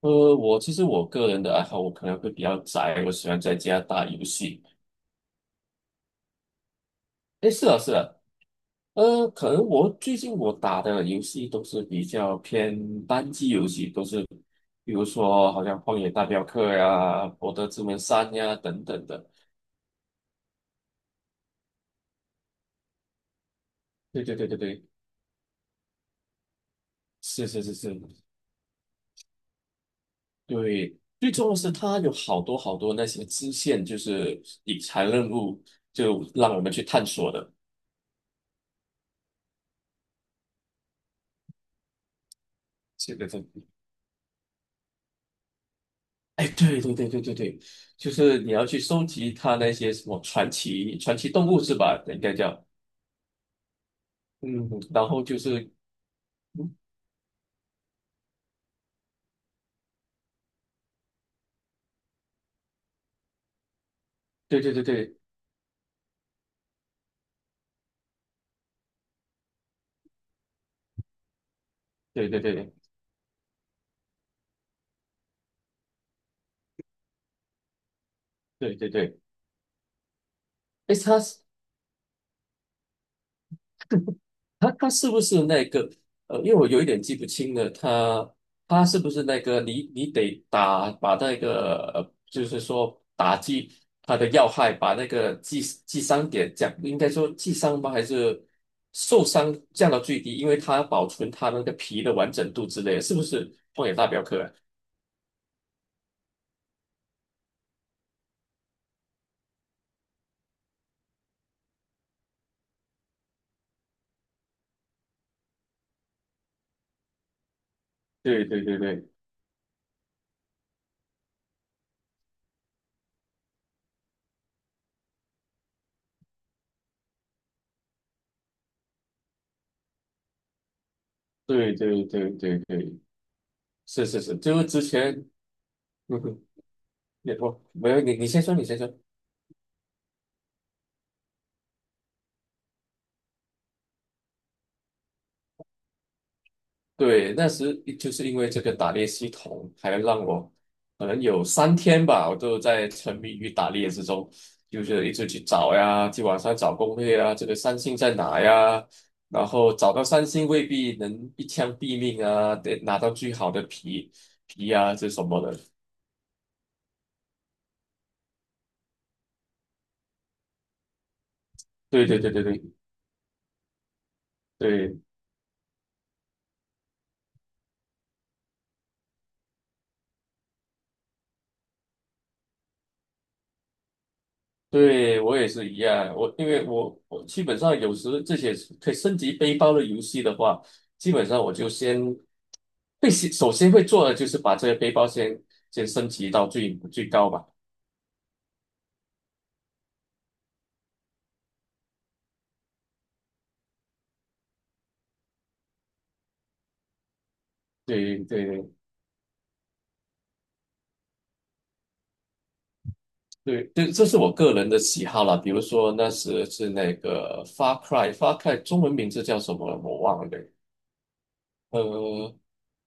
其实我个人的爱好，我可能会比较宅，我喜欢在家打游戏。诶，是啊，是啊，可能我最近打的游戏都是比较偏单机游戏，比如说好像《荒野大镖客》呀、《博德之门三》呀等等的。对对对对对，是是是是，对，最重要是它有好多好多那些支线，就是理财任务，就让我们去探索的。是的，是的哎，对对对对对对，就是你要去收集它那些什么传奇动物是吧？应该叫嗯，然后就是嗯，对对对对对对对对对对对，哎，他是不是那个因为我有一点记不清了，他是不是那个你得打把那个就是说打击他的要害，把那个击伤点降，应该说击伤吗？还是受伤降到最低，因为它保存他那个皮的完整度之类的是不是荒野大镖客啊？对对对对对对对对对，是是是，就是之前，嗯哼，也不没有你先说，你先说。对，那时就是因为这个打猎系统，还让我可能有3天吧，我都在沉迷于打猎之中，就是一直去找呀，去网上找攻略啊，这个三星在哪呀？然后找到三星未必能一枪毙命啊，得拿到最好的皮啊，这什么的。对对对对对对对，我也是一样，我因为我基本上有时这些可以升级背包的游戏的话，基本上我就先。首先会做的就是把这个背包先升级到最高吧。对对对对，这是我个人的喜好啦。比如说那时是那个 Far Cry，Far Cry 中文名字叫什么我忘了。呃，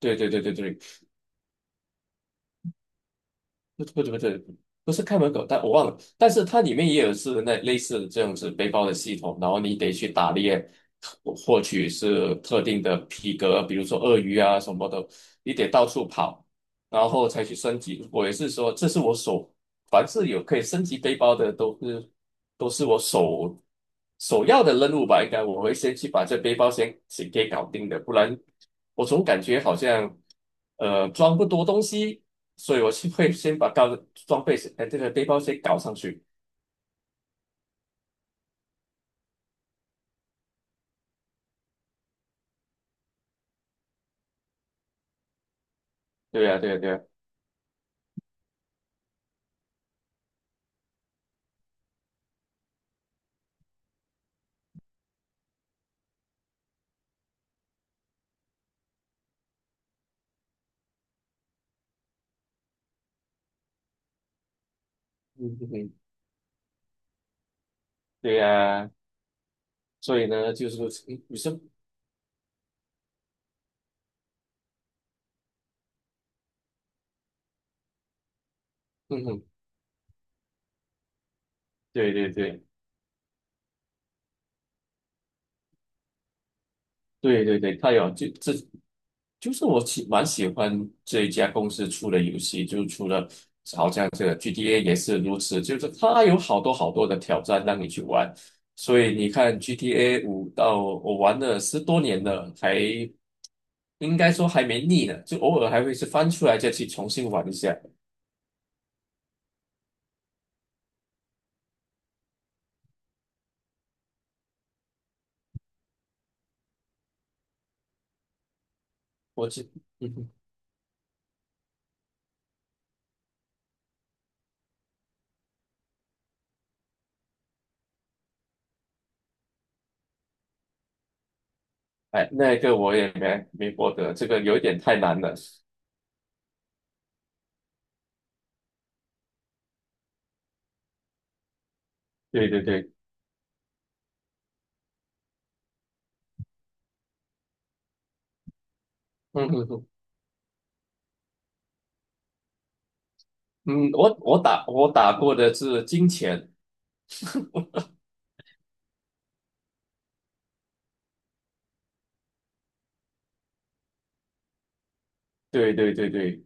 对对对对对，不不不对，不是看门狗，但我忘了。但是它里面也有是那类似这样子背包的系统，然后你得去打猎，获取是特定的皮革，比如说鳄鱼啊什么的，你得到处跑，然后才去升级。我也是说，这是我手，凡是有可以升级背包的，都是我首要的任务吧。应该我会先去把这背包先给搞定的，不然我总感觉好像装不多东西。所以我是会先把高装备先，哎，这个背包先搞上去。对呀、对呀、对呀、嗯嗯嗯，对呀、所以呢，就是女生，嗯哼，对对对对对对，他有就是我蛮喜欢这一家公司出的游戏，就是除了好像这个 GTA 也是如此，就是它有好多好多的挑战让你去玩。所以你看 GTA 5到我玩了10多年了，应该说还没腻呢，就偶尔还会是翻出来再去重新玩一下。我记，嗯哼，哎，那个我也没获得，这个有一点太难了。对对对，嗯嗯嗯，嗯我打过的是金钱，对对对对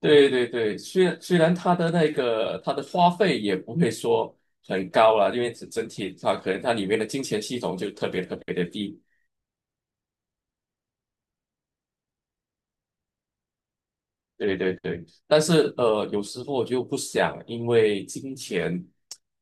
对对对，虽然它的那个它的花费也不会说很高啦，因为整体它可能它里面的金钱系统就特别特别的低，对对对，但是有时候我就不想因为金钱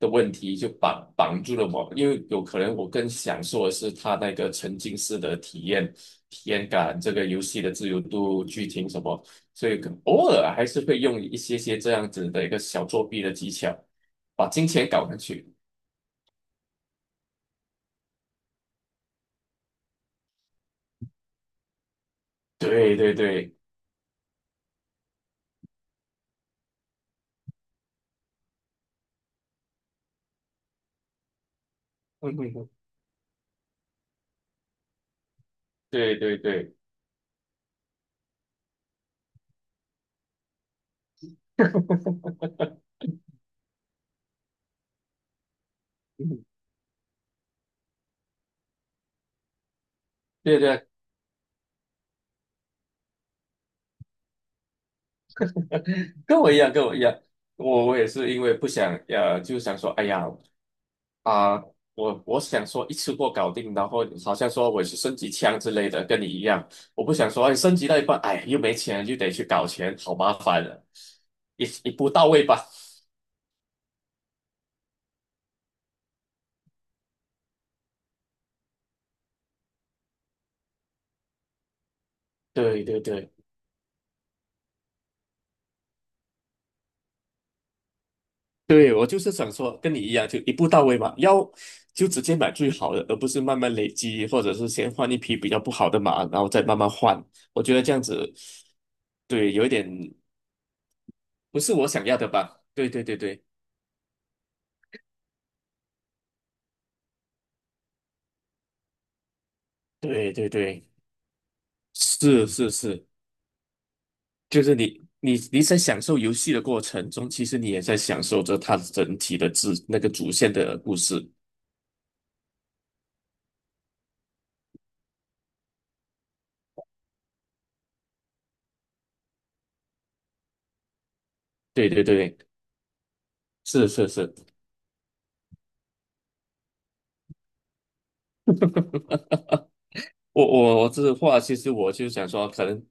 的问题就绑住了我，因为有可能我更享受的是它那个沉浸式的体验、体验感，这个游戏的自由度、剧情什么，所以可偶尔还是会用一些这样子的一个小作弊的技巧，把金钱搞上去。对对对，嗯嗯嗯，对对对，嗯对对，跟我一样，跟我一样。我也是因为不想，就想说，哎呀，啊、我想说一次过搞定，然后好像说我去升级枪之类的，跟你一样，我不想说哎升级到一半，哎又没钱，又得去搞钱，好麻烦的，一步到位吧。对对对对，我就是想说跟你一样，就一步到位嘛，要就直接买最好的，而不是慢慢累积，或者是先换一匹比较不好的马，然后再慢慢换。我觉得这样子，对，有一点不是我想要的吧？对对对对对对对，是是是。就是你在享受游戏的过程中，其实你也在享受着它整体的主那个主线的故事。对对对，是是是，我这话其实我就想说，可能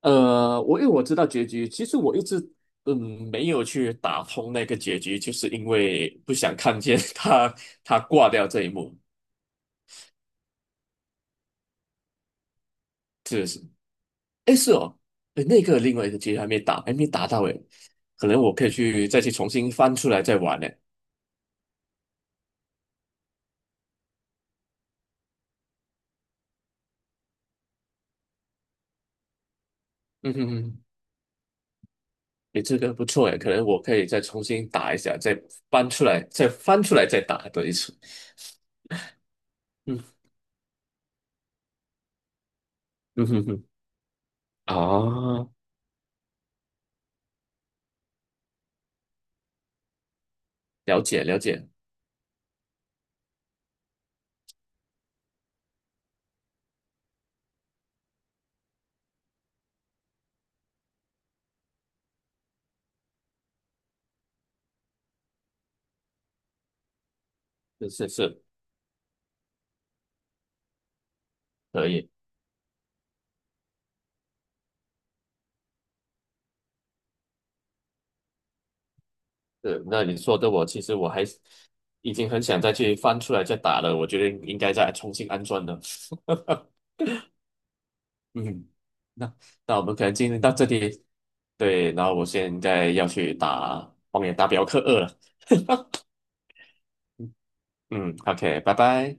我因为我知道结局，其实我一直没有去打通那个结局，就是因为不想看见 他挂掉这一幕。是是，哎是哦，哎那个另外一个结局还没打，还没打到哎，可能我可以再去重新翻出来再玩呢。嗯哼哼。诶，这个不错诶，可能我可以再重新打一下，再搬出来，再翻出来再打多一次。嗯嗯哼哼，啊，了解了解，是是是，可以。是，那你说的其实我还已经很想再去翻出来再打了，我觉得应该再重新安装的。嗯，那那我们可能今天到这里。对，然后我现在要去打《荒野大镖客二》了。嗯，OK，拜拜。